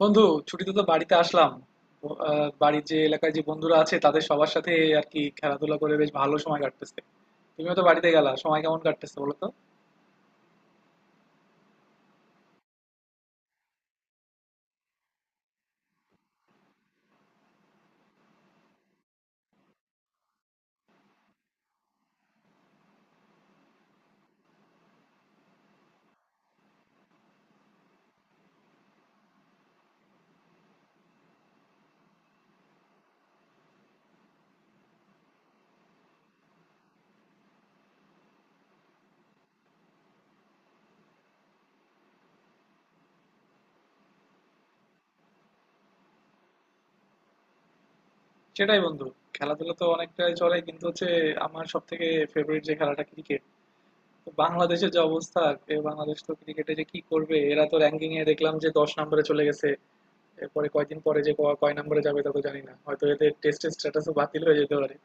বন্ধু, ছুটিতে তো বাড়িতে আসলাম। বাড়ির যে এলাকায় যে বন্ধুরা আছে তাদের সবার সাথে আর কি খেলাধুলা করে বেশ ভালো সময় কাটতেছে। তুমিও তো বাড়িতে গেলা, সময় কেমন কাটতেছে বলো তো? সেটাই বন্ধু। খেলাধুলা তো অনেকটাই চলে, কিন্তু হচ্ছে আমার সব থেকে ফেভারিট যে খেলাটা, ক্রিকেট। তো বাংলাদেশের যে অবস্থা, এ বাংলাদেশ তো ক্রিকেটে যে কি করবে, এরা তো র্যাঙ্কিং এ দেখলাম যে ১০ নম্বরে চলে গেছে। এরপরে কয়দিন পরে যে কয় নম্বরে যাবে তা তো জানি না, হয়তো এদের টেস্টের স্ট্যাটাসও বাতিল হয়ে যেতে পারে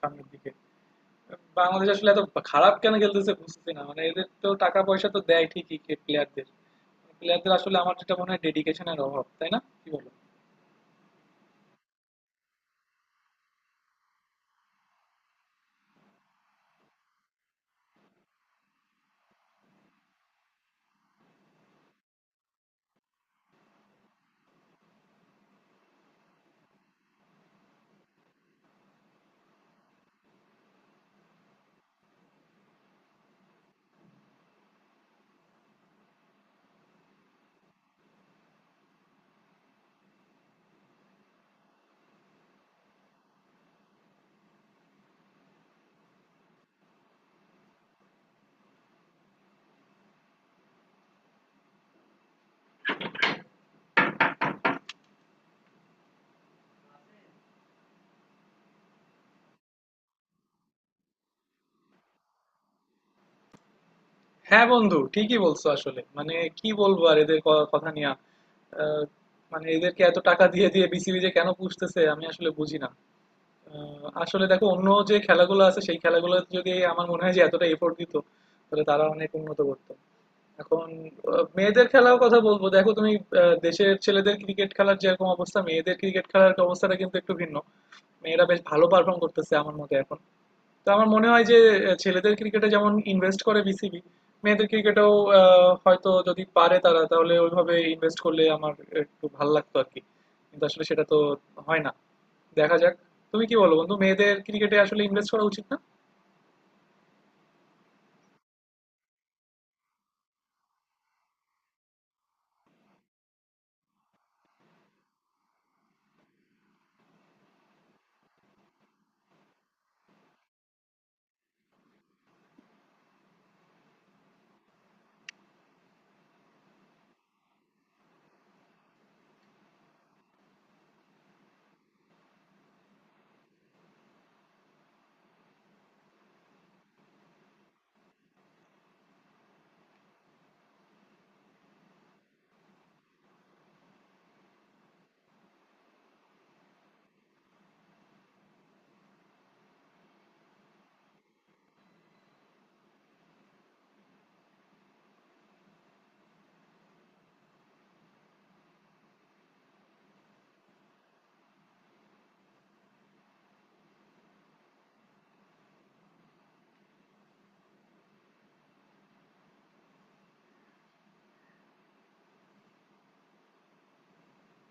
সামনের দিকে। বাংলাদেশ আসলে এত খারাপ কেন খেলতেছে বুঝতেছি না, মানে এদের তো টাকা পয়সা তো দেয় ঠিকই প্লেয়ারদের। আসলে আমার যেটা মনে হয়, ডেডিকেশনের অভাব, তাই না, কি বলো? হ্যাঁ বন্ধু, ঠিকই বলছো। আসলে মানে কি বলবো আর এদের কথা নিয়ে। আহ, মানে এদেরকে এত টাকা দিয়ে দিয়ে বিসিবি যে কেন পুষতেছে আমি আসলে বুঝি না। আসলে দেখো, অন্য যে খেলাগুলো আছে সেই খেলাগুলো যদি, আমার মনে হয় যে এতটা এফোর্ট দিত তাহলে তারা অনেক উন্নত করতো। এখন মেয়েদের খেলার কথা বলবো, দেখো তুমি, দেশের ছেলেদের ক্রিকেট খেলার যেরকম অবস্থা, মেয়েদের ক্রিকেট খেলার অবস্থাটা কিন্তু একটু ভিন্ন। মেয়েরা বেশ ভালো পারফর্ম করতেছে আমার মতে এখন। তো আমার মনে হয় যে ছেলেদের ক্রিকেটে যেমন ইনভেস্ট করে বিসিবি, মেয়েদের ক্রিকেটেও হয়তো যদি পারে তারা, তাহলে ওইভাবে ইনভেস্ট করলে আমার একটু ভালো লাগতো আর কি। কিন্তু আসলে সেটা তো হয় না। দেখা যাক। তুমি কি বলো বন্ধু, মেয়েদের ক্রিকেটে আসলে ইনভেস্ট করা উচিত না?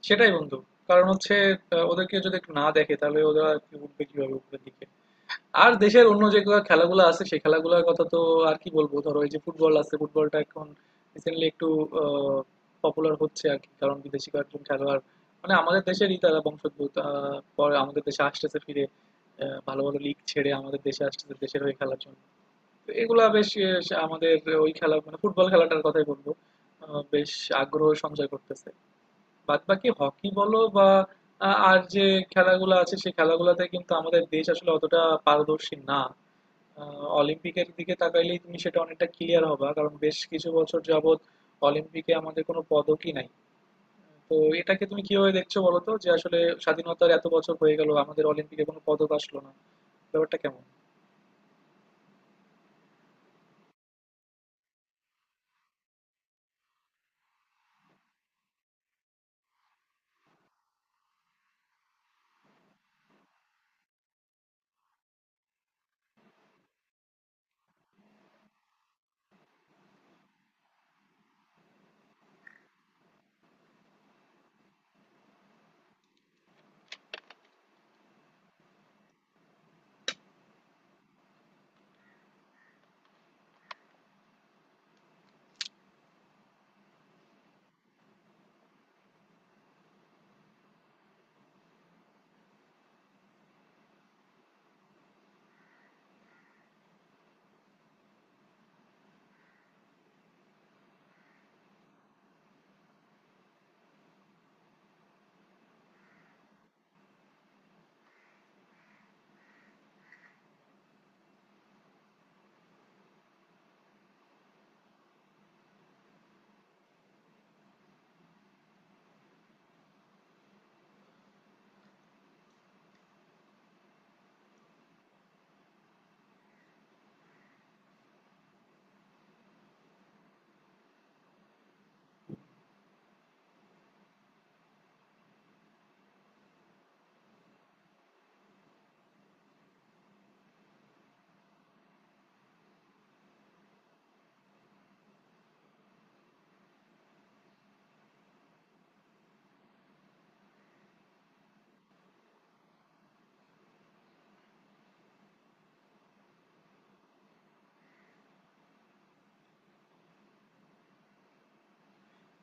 সেটাই বন্ধু। কারণ হচ্ছে ওদেরকে যদি একটু না দেখে তাহলে ওরা উঠবে কিভাবে উপরের দিকে? আর দেশের অন্য যেগুলো খেলাগুলো আছে সেই খেলাগুলোর কথা তো আর কি বলবো। ধরো এই যে ফুটবল আছে, ফুটবলটা এখন রিসেন্টলি একটু পপুলার হচ্ছে আর কি। কারণ বিদেশি কয়েকজন খেলোয়াড়, মানে আমাদের দেশেরই তারা বংশোদ্ভূত, পরে আমাদের দেশে আসতেছে ফিরে। ভালো ভালো লিগ ছেড়ে আমাদের দেশে আসতেছে দেশের হয়ে খেলার জন্য। তো এগুলা বেশ আমাদের ওই খেলা মানে ফুটবল খেলাটার কথাই বলবো। বেশ আগ্রহ সঞ্চয় করতেছে। বাদ বাকি হকি বলো বা আর যে খেলাগুলো আছে সেই খেলাগুলোতে কিন্তু আমাদের দেশ আসলে অতটা পারদর্শী না। অলিম্পিকের দিকে তাকাইলেই তুমি সেটা অনেকটা ক্লিয়ার হবা, কারণ বেশ কিছু বছর যাবত অলিম্পিকে আমাদের কোনো পদকই নাই। তো এটাকে তুমি কিভাবে দেখছো বলো তো, যে আসলে স্বাধীনতার এত বছর হয়ে গেল আমাদের অলিম্পিকে কোনো পদক আসলো না, ব্যাপারটা কেমন?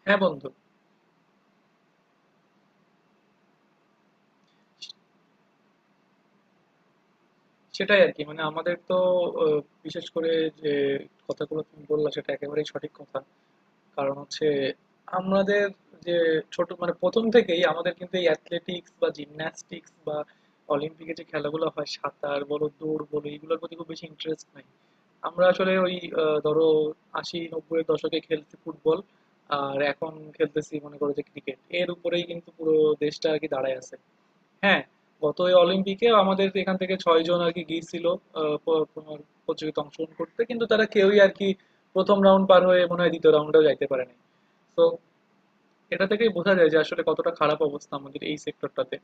হ্যাঁ বন্ধু, সেটাই আর কি। মানে আমাদের তো বিশেষ করে যে কথাগুলো তুমি বললা সেটা একেবারেই সঠিক কথা। কারণ হচ্ছে আমাদের যে ছোট, মানে প্রথম থেকেই আমাদের কিন্তু এই অ্যাথলেটিক্স বা জিমন্যাস্টিক্স বা অলিম্পিকে যে খেলাগুলো হয়, সাঁতার বলো, দৌড় বলো, এগুলোর প্রতি খুব বেশি ইন্টারেস্ট নাই। আমরা আসলে ওই ধরো ৮০-৯০ এর দশকে খেলতে ফুটবল, আর এখন খেলতেছি মনে করো যে ক্রিকেট, এর উপরেই কিন্তু পুরো দেশটা আর কি দাঁড়ায় আছে। হ্যাঁ, গত এই অলিম্পিকেও আমাদের এখান থেকে ৬ জন আর কি গিয়েছিল তোমার প্রতিযোগিতায় অংশগ্রহণ করতে, কিন্তু তারা কেউই আর কি প্রথম রাউন্ড পার হয়ে মনে হয় দ্বিতীয় রাউন্ডেও যাইতে পারেনি। তো এটা থেকেই বোঝা যায় যে আসলে কতটা খারাপ অবস্থা আমাদের এই সেক্টরটাতে।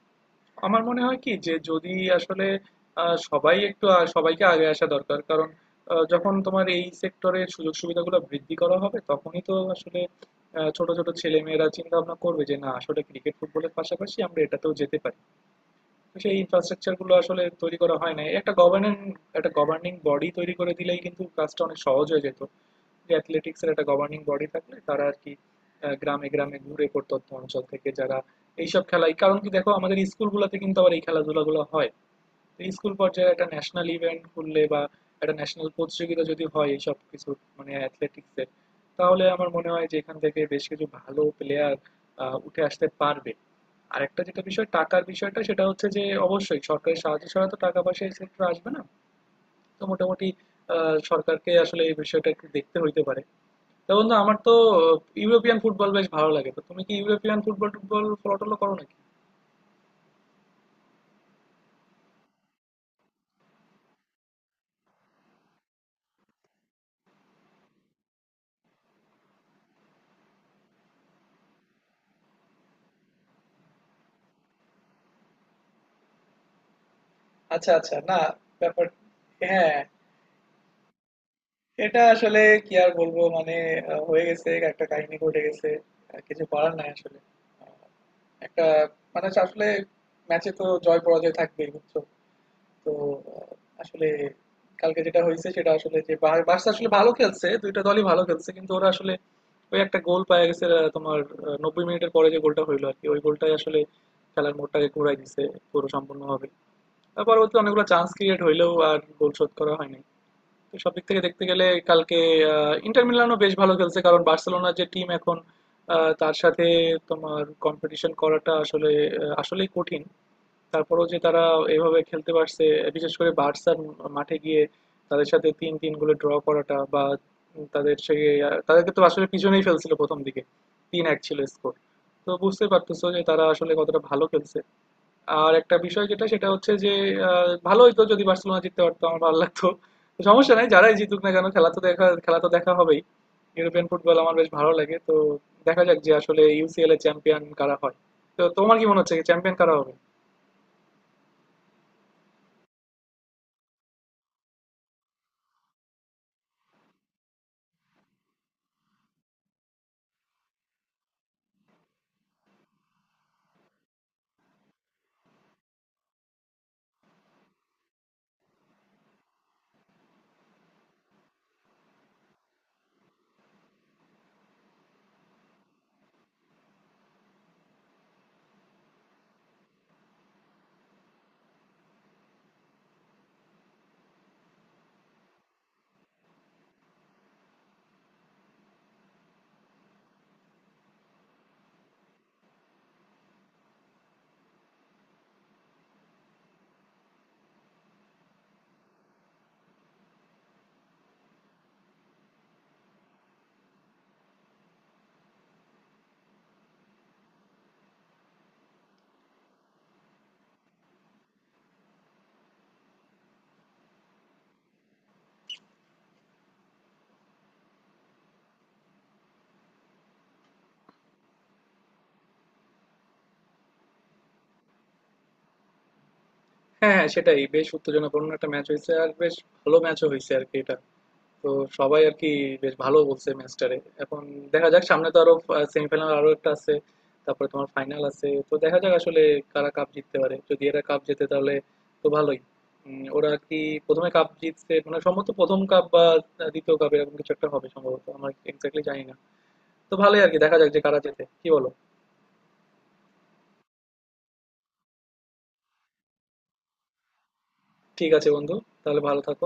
আমার মনে হয় কি যে যদি আসলে সবাই একটু সবাইকে আগে আসা দরকার। কারণ যখন তোমার এই সেক্টরে সুযোগ সুবিধাগুলো বৃদ্ধি করা হবে তখনই তো আসলে ছোট ছোট ছেলে মেয়েরা চিন্তা ভাবনা করবে যে না, আসলে ক্রিকেট ফুটবলের পাশাপাশি আমরা এটাতেও যেতে পারি। সেই ইনফ্রাস্ট্রাকচার গুলো আসলে তৈরি করা হয় না। একটা গভর্নিং বডি তৈরি করে দিলেই কিন্তু কাজটা অনেক সহজ হয়ে যেত। যে অ্যাথলেটিক্স এর একটা গভর্নিং বডি থাকলে তারা আর কি গ্রামে গ্রামে ঘুরে প্রত্যন্ত অঞ্চল থেকে যারা এইসব খেলায়, কারণ কি দেখো আমাদের স্কুলগুলোতে কিন্তু আবার এই খেলাধুলাগুলো হয়। তো স্কুল পর্যায়ে একটা ন্যাশনাল ইভেন্ট করলে বা একটা ন্যাশনাল প্রতিযোগিতা যদি হয় এইসব কিছু, মানে অ্যাথলেটিক্সের, তাহলে আমার মনে হয় যে এখান থেকে বেশ কিছু ভালো প্লেয়ার উঠে আসতে পারবে। আরেকটা যেটা বিষয়, টাকার বিষয়টা, সেটা হচ্ছে যে অবশ্যই সরকারি সাহায্য ছাড়া তো টাকা পয়সা এই সেক্টরে আসবে না। তো মোটামুটি সরকারকে আসলে এই বিষয়টা একটু দেখতে হইতে পারে। তো বন্ধু, আমার তো ইউরোপিয়ান ফুটবল বেশ ভালো লাগে। তো তুমি কি ইউরোপিয়ান ফুটবল টুটবল ফলো টলো করো নাকি? আচ্ছা আচ্ছা, না ব্যাপার। হ্যাঁ, এটা আসলে কি আর বলবো মানে, হয়ে গেছে, একটা কাহিনী ঘটে গেছে। কিছু করার নাই আসলে। আহ, একটা মানে হচ্ছে আসলে ম্যাচে তো জয় পরাজয় থাকবেই, বুঝছো? তো আহ, আসলে কালকে যেটা হয়েছে সেটা আসলে যে বার্সা আসলে ভালো খেলছে, দুইটা দলই ভালো খেলছে, কিন্তু ওরা আসলে ওই একটা গোল পায় গেছে তোমার ৯০ মিনিটের পরে যে গোলটা হইলো আর কি, ওই গোলটাই আসলে খেলার মোড়টাকে ঘুরাই দিছে পুরো সম্পূর্ণভাবে। তার পরবর্তী অনেকগুলো চান্স ক্রিয়েট হইলেও আর গোল শোধ করা হয়নি। তো সব দিক থেকে দেখতে গেলে কালকে ইন্টার মিলানও বেশ ভালো খেলছে, কারণ বার্সেলোনার যে টিম এখন, তার সাথে তোমার কম্পিটিশন করাটা আসলে আসলেই কঠিন। তারপরেও যে তারা এভাবে খেলতে পারছে, বিশেষ করে বার্সার মাঠে গিয়ে তাদের সাথে ৩-৩ গোলে ড্র করাটা, বা তাদের সেই, তাদেরকে তো আসলে পিছনেই ফেলছিল প্রথম দিকে, ৩-১ ছিল স্কোর। তো বুঝতে পারতেছো যে তারা আসলে কতটা ভালো খেলছে। আর একটা বিষয় যেটা সেটা হচ্ছে যে ভালো হইতো যদি বার্সেলোনা জিততে পারতো, আমার ভালো লাগতো। তো সমস্যা নাই, যারাই জিতুক না কেন খেলা তো দেখা হবেই। ইউরোপিয়ান ফুটবল আমার বেশ ভালো লাগে। তো দেখা যাক যে আসলে ইউসিএল এর চ্যাম্পিয়ন কারা হয়। তো তোমার কি মনে হচ্ছে চ্যাম্পিয়ন কারা হবে? হ্যাঁ, হ্যাঁ সেটাই। বেশ উত্তেজনাপূর্ণ একটা ম্যাচ হইছে। আর বেশ ভালো ম্যাচও হইছে আরকি এটা। তো সবাই আরকি বেশ ভালো বলছে ম্যাচটারে। এখন দেখা যাক, সামনে তো আরো সেমিফাইনাল আরো একটা আছে। তারপরে তোমার ফাইনাল আছে। তো দেখা যাক আসলে কারা কাপ জিততে পারে। যদি এরা কাপ জেতে তাহলে তো ভালোই। ওরা আর কি ১ম এ কাপ জিতছে মানে, সম্ভবত ১ম কাপ বা ২য় কাপ এরকম কিছু একটা হবে সম্ভবত। আমার এক্সাক্টলি জানি না। তো ভালোই আরকি, দেখা যাক যে কারা জেতে। কি বলো? ঠিক আছে বন্ধু। তাহলে ভালো থাকো।